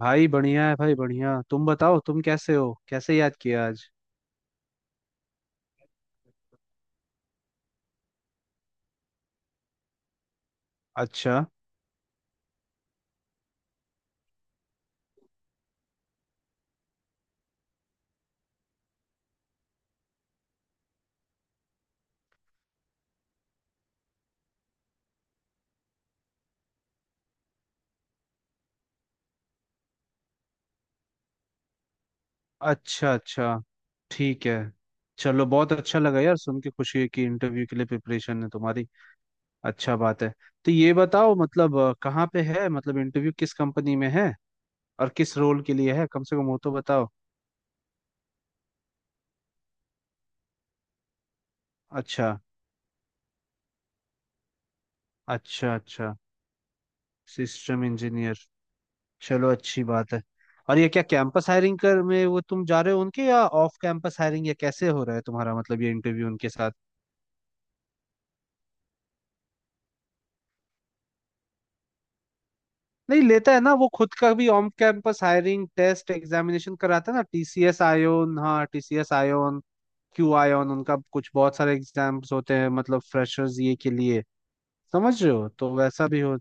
भाई बढ़िया है भाई बढ़िया, तुम बताओ तुम कैसे हो, कैसे याद किया आज? अच्छा, अच्छा। अच्छा, ठीक है। चलो, बहुत अच्छा लगा यार, सुन के खुशी है कि इंटरव्यू के लिए प्रिपरेशन है तुम्हारी। अच्छा बात है। तो ये बताओ, मतलब कहाँ पे है, मतलब इंटरव्यू किस कंपनी में है और किस रोल के लिए है, कम से कम वो तो बताओ। अच्छा, अच्छा। अच्छा, सिस्टम इंजीनियर। चलो अच्छी बात है। और ये क्या कैंपस हायरिंग कर में वो तुम जा रहे हो उनके, या ऑफ कैंपस हायरिंग, या कैसे हो रहा है तुम्हारा मतलब ये इंटरव्यू उनके साथ? नहीं लेता है ना, वो खुद का भी on campus hiring test examination कराता है ना, टीसीएस आयोन। हाँ, टीसीएस आयोन। क्यू आयोन उनका कुछ, बहुत सारे एग्जाम्स होते हैं मतलब फ्रेशर्स ये के लिए। समझ रहे हो, तो वैसा भी हो।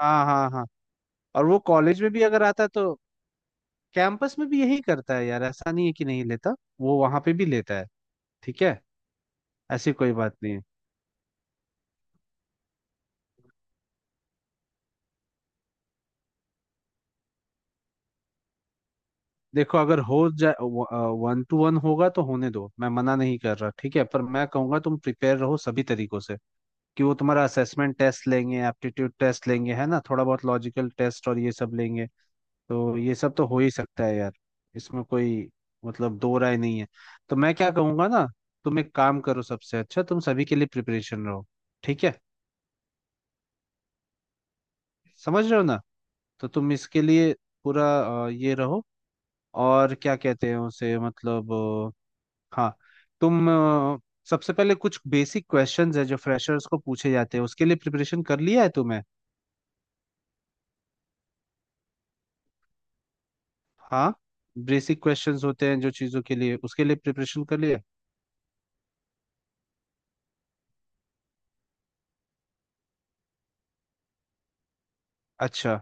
हाँ, हाँ, हाँ। और वो कॉलेज में भी अगर आता है तो कैंपस में भी यही करता है यार, ऐसा नहीं है कि नहीं लेता, वो वहां पे भी लेता है। ठीक है। ऐसी कोई बात नहीं है। देखो अगर हो जाए, वन टू वन होगा तो होने दो, मैं मना नहीं कर रहा, ठीक है, पर मैं कहूंगा तुम प्रिपेयर रहो सभी तरीकों से, कि वो तुम्हारा असेसमेंट टेस्ट लेंगे, एप्टीट्यूड टेस्ट लेंगे, है ना, थोड़ा बहुत लॉजिकल टेस्ट और ये सब लेंगे। तो ये सब तो हो ही सकता है यार, इसमें कोई मतलब दो राय नहीं है। तो मैं क्या कहूँगा ना, तुम एक काम करो, सबसे अच्छा तुम सभी के लिए प्रिपरेशन रहो, ठीक है, समझ रहे हो ना। तो तुम इसके लिए पूरा ये रहो, और क्या कहते हैं उसे, मतलब हाँ, तुम सबसे पहले कुछ बेसिक क्वेश्चंस है जो फ्रेशर्स को पूछे जाते हैं, उसके लिए प्रिपरेशन कर लिया है तुमने? हाँ, बेसिक क्वेश्चंस होते हैं जो चीजों के लिए उसके लिए प्रिपरेशन कर लिया। अच्छा।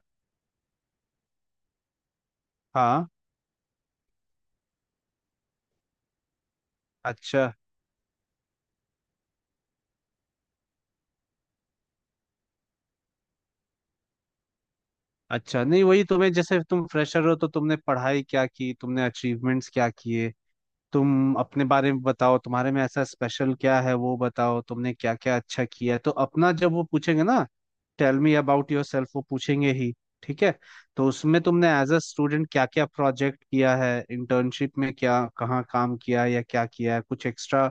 हाँ। अच्छा, अच्छा। नहीं, वही तुम्हें, जैसे तुम फ्रेशर हो तो तुमने पढ़ाई क्या की, तुमने अचीवमेंट्स क्या किए, तुम अपने बारे में बताओ, तुम्हारे में ऐसा स्पेशल क्या है वो बताओ, तुमने क्या क्या अच्छा किया है, तो अपना जब वो पूछेंगे ना, tell me about yourself वो पूछेंगे ही, ठीक है। तो उसमें तुमने एज अ स्टूडेंट क्या क्या प्रोजेक्ट किया है, इंटर्नशिप में क्या कहाँ काम किया है या क्या किया है, कुछ एक्स्ट्रा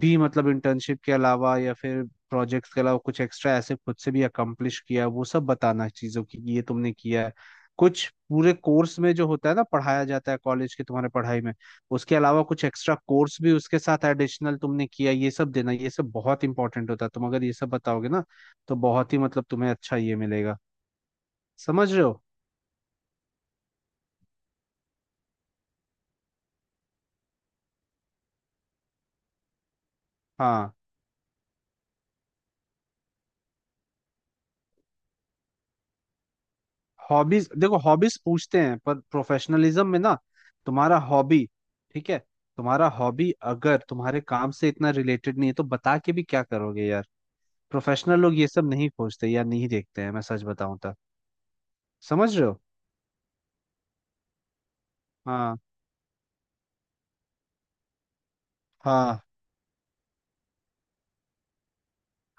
भी मतलब इंटर्नशिप के अलावा या फिर प्रोजेक्ट्स के अलावा कुछ एक्स्ट्रा ऐसे खुद से भी अकम्प्लिश किया, वो सब बताना चीज़ों की कि ये तुमने किया है। कुछ पूरे कोर्स में जो होता है ना पढ़ाया जाता है कॉलेज के तुम्हारे पढ़ाई में, उसके अलावा कुछ एक्स्ट्रा कोर्स भी उसके साथ एडिशनल तुमने किया ये सब देना, ये सब बहुत इंपॉर्टेंट होता है, तुम अगर ये सब बताओगे ना तो बहुत ही मतलब तुम्हें अच्छा ये मिलेगा। समझ रहे हो। हाँ। हॉबीज, देखो हॉबीज पूछते हैं पर प्रोफेशनलिज्म में ना, तुम्हारा हॉबी, ठीक है, तुम्हारा हॉबी अगर तुम्हारे काम से इतना रिलेटेड नहीं है तो बता के भी क्या करोगे यार। प्रोफेशनल लोग ये सब नहीं खोजते या नहीं देखते हैं, मैं सच बताऊं तो। समझ रहे हो। हाँ, हाँ।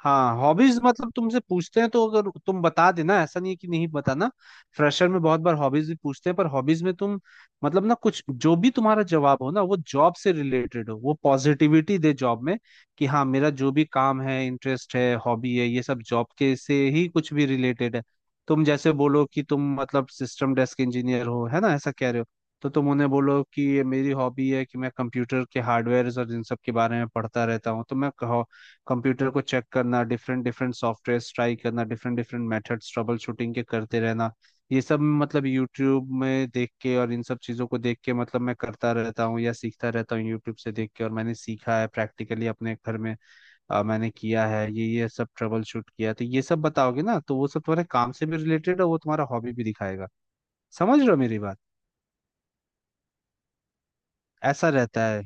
हाँ, हॉबीज मतलब तुमसे पूछते हैं तो अगर तुम बता देना, ऐसा नहीं है कि नहीं बताना, फ्रेशर में बहुत बार हॉबीज भी पूछते हैं, पर हॉबीज में तुम मतलब ना, कुछ जो भी तुम्हारा जवाब हो ना वो जॉब से रिलेटेड हो, वो पॉजिटिविटी दे जॉब में, कि हाँ मेरा जो भी काम है, इंटरेस्ट है, हॉबी है, ये सब जॉब के से ही कुछ भी रिलेटेड है। तुम जैसे बोलो कि तुम मतलब सिस्टम डेस्क इंजीनियर हो, है ना, ऐसा कह रहे हो, तो तुम उन्हें बोलो कि ये मेरी हॉबी है कि मैं कंप्यूटर के हार्डवेयर और इन सब के बारे में पढ़ता रहता हूँ, तो मैं कंप्यूटर को चेक करना, डिफरेंट डिफरेंट सॉफ्टवेयर ट्राई करना, different different methods troubleshooting के करते रहना, ये सब मतलब यूट्यूब में देख के और इन सब चीज़ों को देख के मतलब मैं करता रहता हूँ या सीखता रहता हूँ यूट्यूब से देख के, और मैंने सीखा है प्रैक्टिकली अपने घर में। मैंने किया है ये सब ट्रबल शूट किया, तो ये सब बताओगे ना तो वो सब तुम्हारे काम से भी रिलेटेड है, वो तुम्हारा हॉबी भी दिखाएगा, समझ रहे हो मेरी बात। ऐसा रहता है।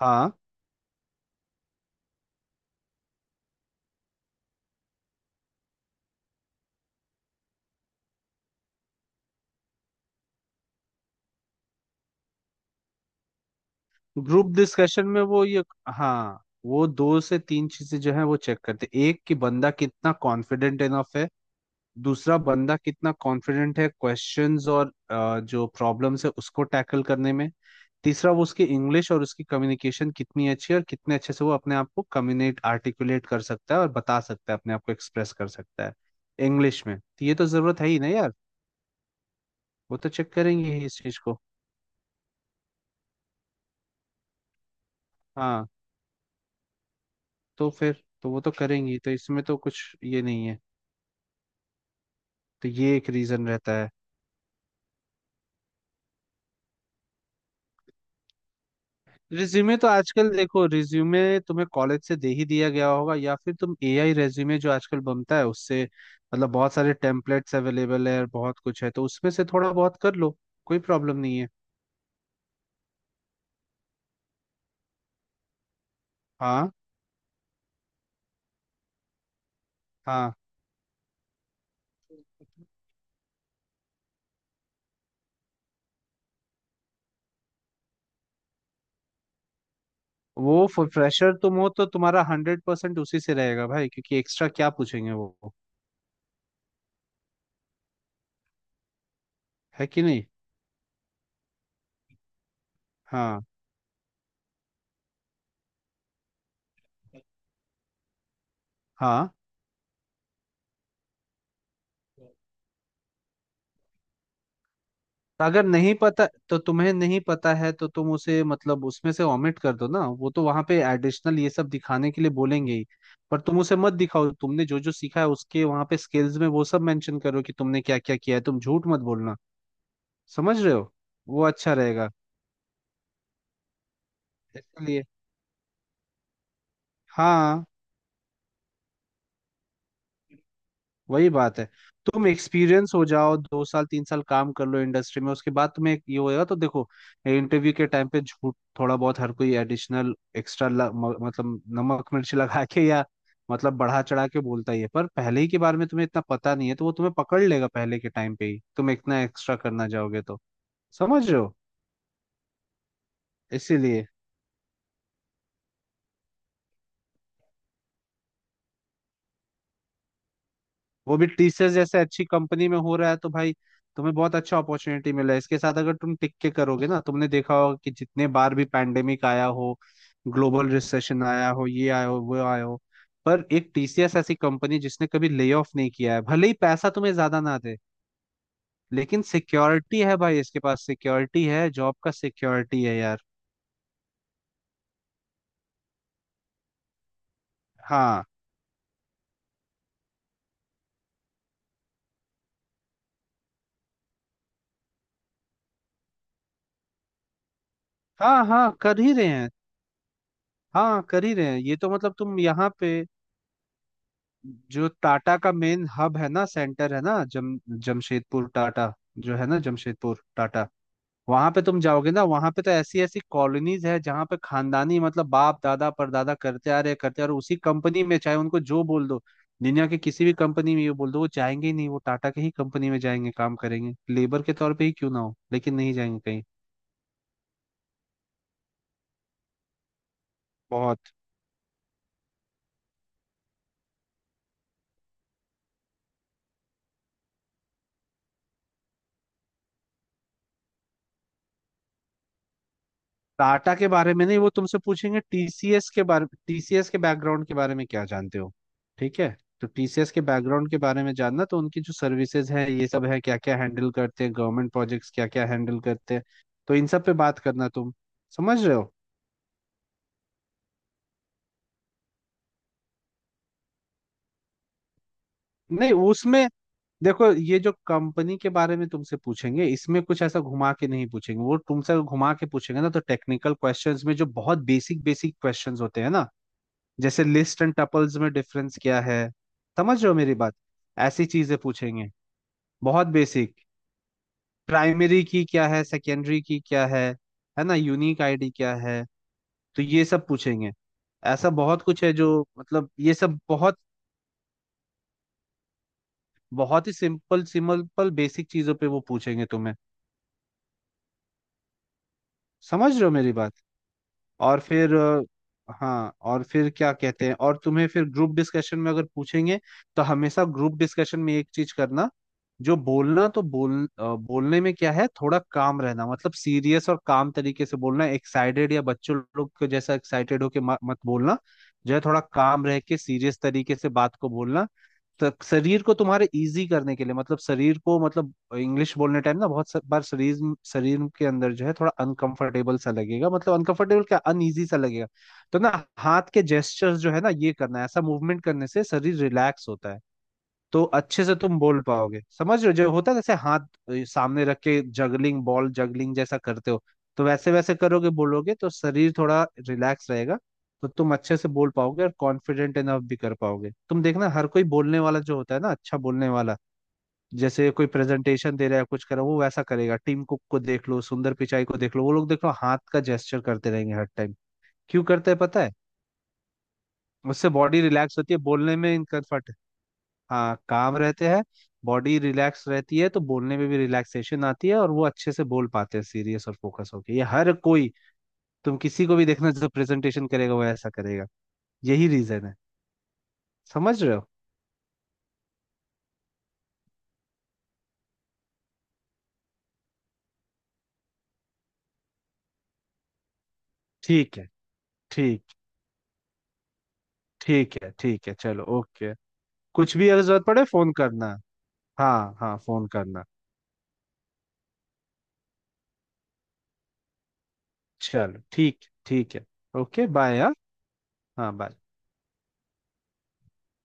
हाँ। ग्रुप डिस्कशन में वो ये, हाँ, वो दो से तीन चीजें जो है वो चेक करते हैं। एक कि बंदा कितना कॉन्फिडेंट इनफ है, दूसरा बंदा कितना कॉन्फिडेंट है क्वेश्चंस और जो प्रॉब्लम्स है उसको टैकल करने में, तीसरा वो उसकी इंग्लिश और उसकी कम्युनिकेशन कितनी अच्छी है और कितने अच्छे से वो अपने आप को कम्युनिकेट आर्टिकुलेट कर सकता है और बता सकता है अपने आप को एक्सप्रेस कर सकता है इंग्लिश में, तो ये तो जरूरत है ही ना यार, वो तो चेक करेंगे ही इस चीज को। हाँ। तो फिर तो वो तो करेंगी तो, इसमें तो कुछ ये नहीं है, तो ये एक रीजन रहता है। रिज्यूमे तो आजकल देखो, रिज्यूमे तुम्हें कॉलेज से दे ही दिया गया होगा, या फिर तुम एआई रिज्यूमे जो आजकल बनता है उससे मतलब बहुत सारे टेम्पलेट्स अवेलेबल है और बहुत कुछ है तो उसमें से थोड़ा बहुत कर लो, कोई प्रॉब्लम नहीं है। हाँ, हाँ। वो फ्रेशर तुम हो तो तुम्हारा 100% उसी से रहेगा भाई, क्योंकि एक्स्ट्रा क्या पूछेंगे वो, है कि नहीं। हाँ, हाँ। तो अगर नहीं पता, तो तुम्हें नहीं पता है तो तुम उसे मतलब उसमें से ओमिट कर दो ना, वो तो वहां पे एडिशनल ये सब दिखाने के लिए बोलेंगे ही, पर तुम उसे मत दिखाओ, तुमने जो जो सीखा है उसके वहां पे स्किल्स में वो सब मेंशन करो कि तुमने क्या क्या किया है, तुम झूठ मत बोलना, समझ रहे हो, वो अच्छा रहेगा, इसलिए। हाँ, वही बात है, तुम एक्सपीरियंस हो जाओ, 2 साल 3 साल काम कर लो इंडस्ट्री में, उसके बाद तुम्हें एक ये होएगा, तो देखो इंटरव्यू के टाइम पे झूठ थोड़ा बहुत हर कोई एडिशनल एक्स्ट्रा मतलब नमक मिर्च लगा के या मतलब बढ़ा चढ़ा के बोलता ही है, पर पहले ही के बारे में तुम्हें इतना पता नहीं है तो वो तुम्हें पकड़ लेगा, पहले के टाइम पे ही तुम इतना एक्स्ट्रा करना जाओगे तो, समझ रहे हो, इसीलिए। वो भी टीसीएस जैसे अच्छी कंपनी में हो रहा है तो भाई, तुम्हें बहुत अच्छा अपॉर्चुनिटी मिला है, इसके साथ अगर तुम टिक के करोगे ना, तुमने देखा होगा कि जितने बार भी पैंडेमिक आया हो, ग्लोबल रिसेशन आया हो, ये आया हो, वो आया हो, पर एक टीसीएस ऐसी कंपनी जिसने कभी ले ऑफ नहीं किया है, भले ही पैसा तुम्हें ज्यादा ना दे, लेकिन सिक्योरिटी है भाई, इसके पास सिक्योरिटी है, जॉब का सिक्योरिटी है यार। हाँ, हाँ। हाँ, कर ही रहे हैं। हाँ, कर ही रहे हैं, ये तो मतलब तुम यहाँ पे, जो टाटा का मेन हब है ना, सेंटर है ना, जम जमशेदपुर टाटा, जो है ना, जमशेदपुर टाटा, वहां पे तुम जाओगे ना वहां पे, तो ऐसी ऐसी कॉलोनीज है जहां पे खानदानी मतलब बाप दादा परदादा करते आ रहे उसी कंपनी में, चाहे उनको जो बोल दो दुनिया के किसी भी कंपनी में ये बोल दो वो जाएंगे ही नहीं, वो टाटा के ही कंपनी में जाएंगे काम करेंगे लेबर के तौर पे ही क्यों ना हो, लेकिन नहीं जाएंगे कहीं। बहुत। टाटा के बारे में नहीं, वो तुमसे पूछेंगे टीसीएस के बारे, टीसीएस के बैकग्राउंड के बारे में क्या जानते हो, ठीक है। तो टीसीएस के बैकग्राउंड के बारे में जानना, तो उनकी जो सर्विसेज है ये सब है, क्या क्या हैंडल करते हैं, गवर्नमेंट प्रोजेक्ट्स क्या क्या हैंडल करते हैं, तो इन सब पे बात करना तुम, समझ रहे हो। नहीं, उसमें देखो, ये जो कंपनी के बारे में तुमसे पूछेंगे इसमें कुछ ऐसा घुमा के नहीं पूछेंगे, वो तुमसे घुमा के पूछेंगे ना तो टेक्निकल क्वेश्चंस में जो बहुत बेसिक बेसिक क्वेश्चंस होते हैं ना, जैसे लिस्ट एंड टपल्स में डिफरेंस क्या है, समझ रहे हो मेरी बात, ऐसी चीजें पूछेंगे, बहुत बेसिक, प्राइमरी की क्या है, सेकेंडरी की क्या है ना, यूनिक आईडी क्या है, तो ये सब पूछेंगे। ऐसा बहुत कुछ है जो मतलब ये सब बहुत, बहुत ही सिंपल सिंपल बेसिक चीजों पे वो पूछेंगे तुम्हें, समझ रहे हो मेरी बात। और फिर हाँ, और फिर क्या कहते हैं, और तुम्हें फिर ग्रुप डिस्कशन में अगर पूछेंगे तो हमेशा ग्रुप डिस्कशन में एक चीज करना, जो बोलना तो बोल, बोलने में क्या है थोड़ा काम रहना, मतलब सीरियस और काम तरीके से बोलना, एक्साइटेड या बच्चों लोग को जैसा एक्साइटेड होके मत बोलना, जो है थोड़ा काम रह के सीरियस तरीके से बात को बोलना। तो शरीर को तुम्हारे इजी करने के लिए मतलब शरीर को मतलब इंग्लिश बोलने टाइम ना बहुत बार शरीर, शरीर के अंदर जो है थोड़ा अनकंफर्टेबल सा लगेगा, मतलब अनकंफर्टेबल क्या, अनईजी सा लगेगा, तो ना हाथ के जेस्चर्स जो है ना ये करना है, ऐसा मूवमेंट करने से शरीर रिलैक्स होता है, तो अच्छे से तुम बोल पाओगे, समझ रहे हो, जो होता है जैसे हाथ सामने रख के जगलिंग बॉल जगलिंग जैसा करते हो तो वैसे वैसे करोगे बोलोगे तो शरीर थोड़ा रिलैक्स रहेगा, तो तुम अच्छे से बोल पाओगे और कॉन्फिडेंट इनफ भी कर पाओगे। तुम देखना हर कोई बोलने वाला जो होता है ना, अच्छा बोलने वाला, जैसे कोई प्रेजेंटेशन दे रहा है कुछ कर रहा है वो वैसा करेगा, टीम कुक को देख लो, सुंदर पिचाई को देख लो, वो लोग देख लो हाथ का जेस्चर करते रहेंगे हर टाइम। क्यों करते हैं पता है? उससे बॉडी रिलैक्स होती है बोलने में इनकम्फर्ट। हाँ, काम रहते हैं। बॉडी रिलैक्स रहती है तो बोलने में भी रिलैक्सेशन आती है और वो अच्छे से बोल पाते हैं सीरियस और फोकस होके, ये हर कोई, तुम किसी को भी देखना जो प्रेजेंटेशन करेगा वो ऐसा करेगा, यही रीजन है। समझ रहे हो। ठीक है, ठीक। ठीक है, ठीक है चलो, ओके। कुछ भी अगर जरूरत पड़े फोन करना। हाँ, हाँ, फोन करना। चलो, ठीक, ठीक है। ओके, बाय, हाँ। हाँ, बाय।